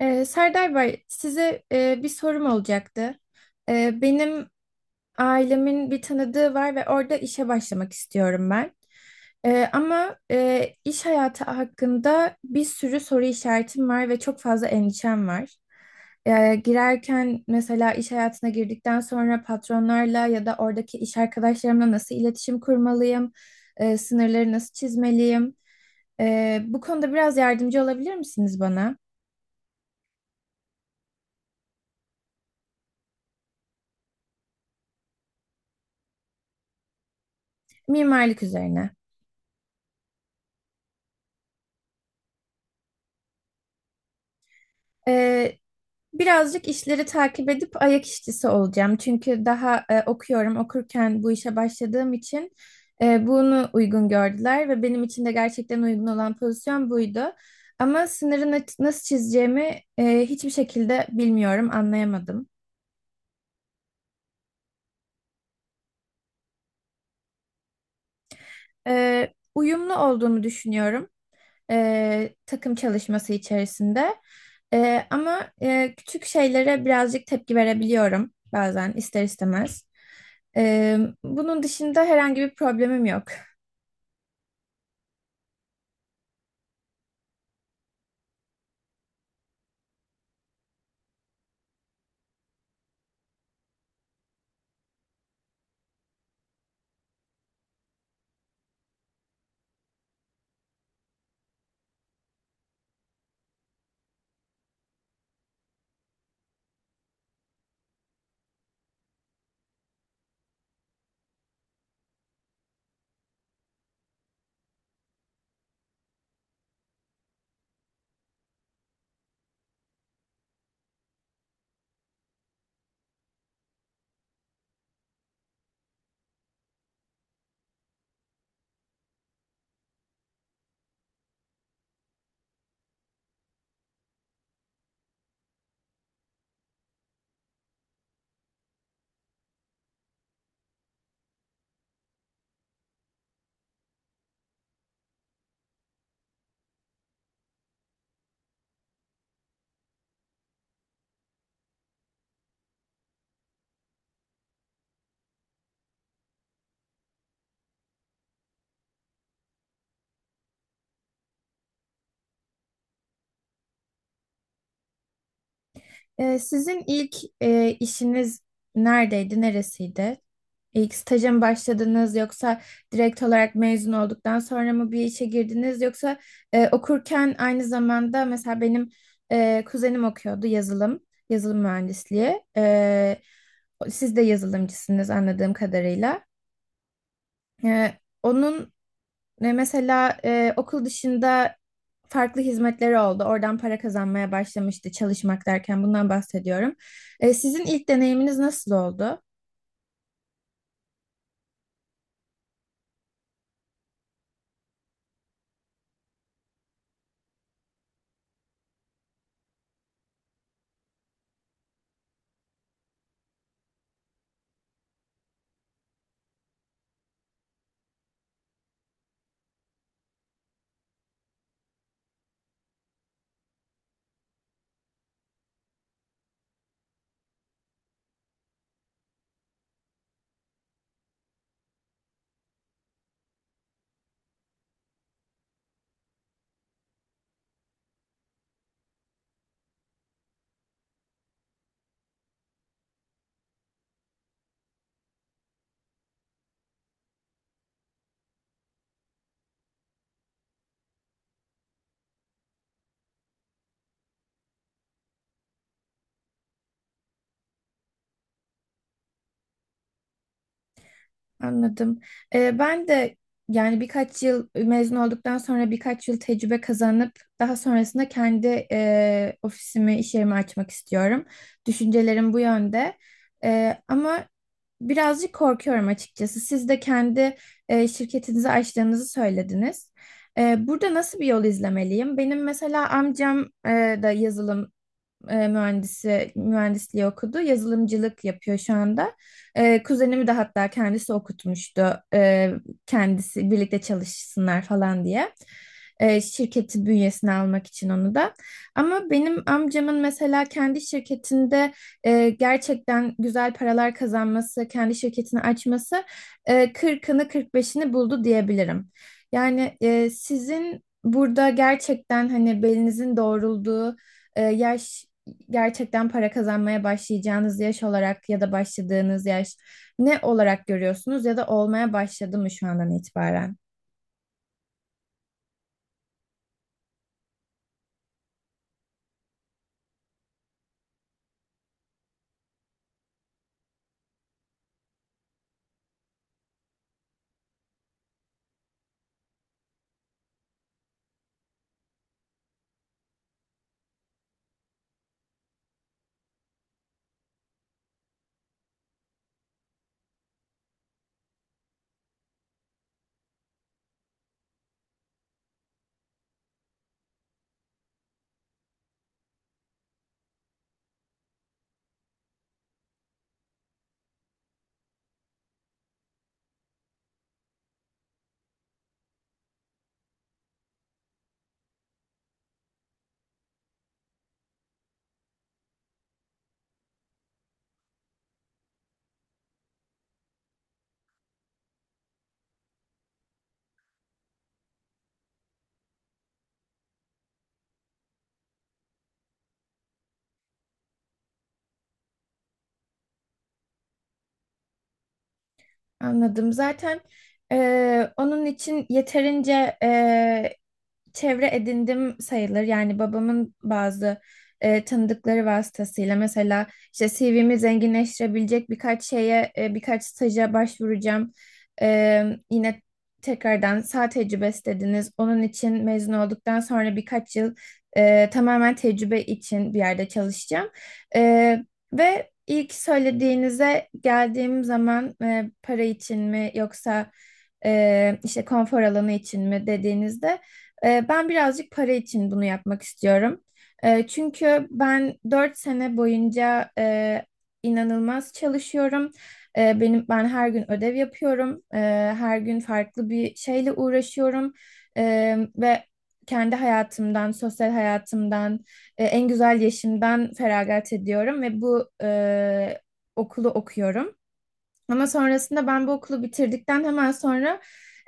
Serdar Bey, size bir sorum olacaktı. Benim ailemin bir tanıdığı var ve orada işe başlamak istiyorum ben. Ama iş hayatı hakkında bir sürü soru işaretim var ve çok fazla endişem var. Girerken mesela iş hayatına girdikten sonra patronlarla ya da oradaki iş arkadaşlarımla nasıl iletişim kurmalıyım, sınırları nasıl çizmeliyim? Bu konuda biraz yardımcı olabilir misiniz bana? Mimarlık üzerine. Ee, Birazcık işleri takip edip ayak işçisi olacağım. Çünkü daha okuyorum. Okurken bu işe başladığım için bunu uygun gördüler ve benim için de gerçekten uygun olan pozisyon buydu. Ama sınırı nasıl çizeceğimi hiçbir şekilde bilmiyorum, anlayamadım. Uyumlu olduğumu düşünüyorum takım çalışması içerisinde. Ama küçük şeylere birazcık tepki verebiliyorum bazen ister istemez. Ee, Bunun dışında herhangi bir problemim yok. Sizin ilk işiniz neredeydi, neresiydi? İlk staja mı başladınız yoksa direkt olarak mezun olduktan sonra mı bir işe girdiniz yoksa okurken aynı zamanda mesela benim kuzenim okuyordu yazılım mühendisliği. Siz de yazılımcısınız anladığım kadarıyla. E, onun Ve mesela okul dışında farklı hizmetleri oldu. Oradan para kazanmaya başlamıştı, çalışmak derken bundan bahsediyorum. Sizin ilk deneyiminiz nasıl oldu? Anladım. Ben de yani birkaç yıl mezun olduktan sonra birkaç yıl tecrübe kazanıp daha sonrasında kendi ofisimi, iş yerimi açmak istiyorum. Düşüncelerim bu yönde. Ama birazcık korkuyorum açıkçası. Siz de kendi şirketinizi açtığınızı söylediniz. Burada nasıl bir yol izlemeliyim? Benim mesela amcam e, da yazılım mühendisliği okudu. Yazılımcılık yapıyor şu anda. Kuzenimi de hatta kendisi okutmuştu. Kendisi birlikte çalışsınlar falan diye. Şirketi bünyesine almak için onu da. Ama benim amcamın mesela kendi şirketinde gerçekten güzel paralar kazanması, kendi şirketini açması 40'ını 45'ini buldu diyebilirim. Yani sizin burada gerçekten hani belinizin doğrulduğu yaş, gerçekten para kazanmaya başlayacağınız yaş olarak ya da başladığınız yaş ne olarak görüyorsunuz ya da olmaya başladı mı şu andan itibaren? Anladım. Zaten onun için yeterince çevre edindim sayılır. Yani babamın bazı tanıdıkları vasıtasıyla mesela işte CV'mi zenginleştirebilecek birkaç şeye, birkaç staja başvuracağım. E, Yine tekrardan sağ tecrübesi dediniz. Onun için mezun olduktan sonra birkaç yıl tamamen tecrübe için bir yerde çalışacağım. E, Ve ilk söylediğinize geldiğim zaman para için mi yoksa işte konfor alanı için mi dediğinizde ben birazcık para için bunu yapmak istiyorum. Çünkü ben 4 sene boyunca inanılmaz çalışıyorum. Ben her gün ödev yapıyorum. Her gün farklı bir şeyle uğraşıyorum ve kendi hayatımdan, sosyal hayatımdan, en güzel yaşımdan feragat ediyorum ve bu okulu okuyorum. Ama sonrasında ben bu okulu bitirdikten hemen sonra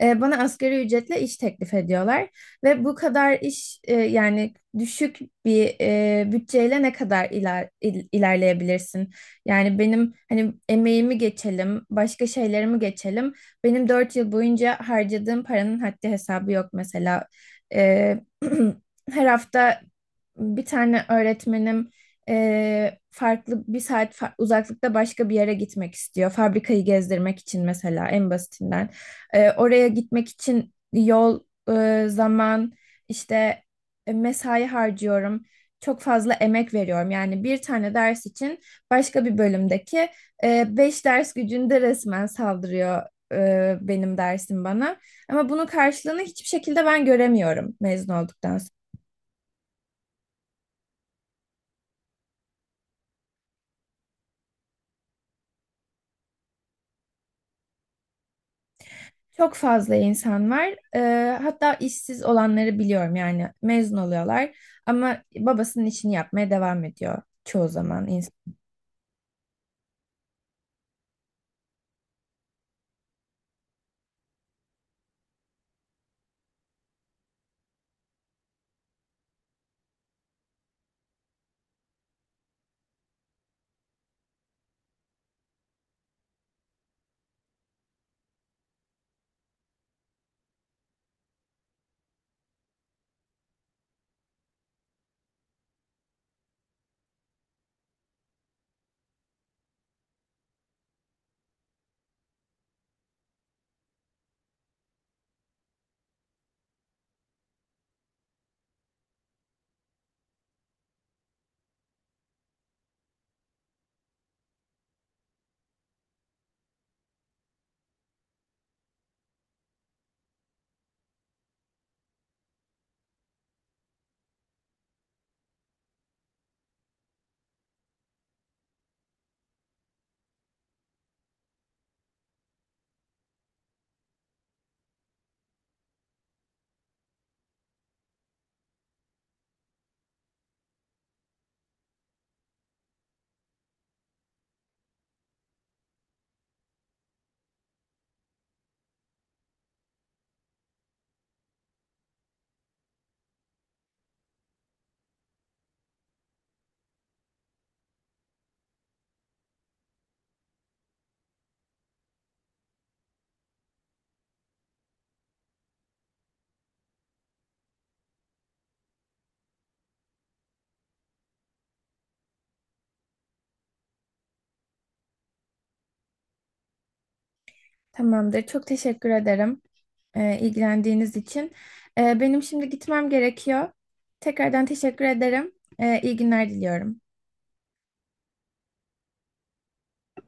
bana asgari ücretle iş teklif ediyorlar. Ve bu kadar iş yani düşük bir bütçeyle ne kadar ilerleyebilirsin? Yani benim hani emeğimi geçelim, başka şeylerimi geçelim. Benim 4 yıl boyunca harcadığım paranın haddi hesabı yok mesela. E, Her hafta bir tane öğretmenim farklı bir saat uzaklıkta başka bir yere gitmek istiyor. Fabrikayı gezdirmek için mesela en basitinden. Oraya gitmek için yol, zaman, işte mesai harcıyorum. Çok fazla emek veriyorum. Yani bir tane ders için başka bir bölümdeki beş ders gücünde resmen saldırıyor benim dersim bana. Ama bunun karşılığını hiçbir şekilde ben göremiyorum mezun olduktan. Çok fazla insan var. Hatta işsiz olanları biliyorum, yani mezun oluyorlar ama babasının işini yapmaya devam ediyor çoğu zaman insan. Tamamdır. Çok teşekkür ederim ilgilendiğiniz için. Benim şimdi gitmem gerekiyor. Tekrardan teşekkür ederim. İyi günler diliyorum.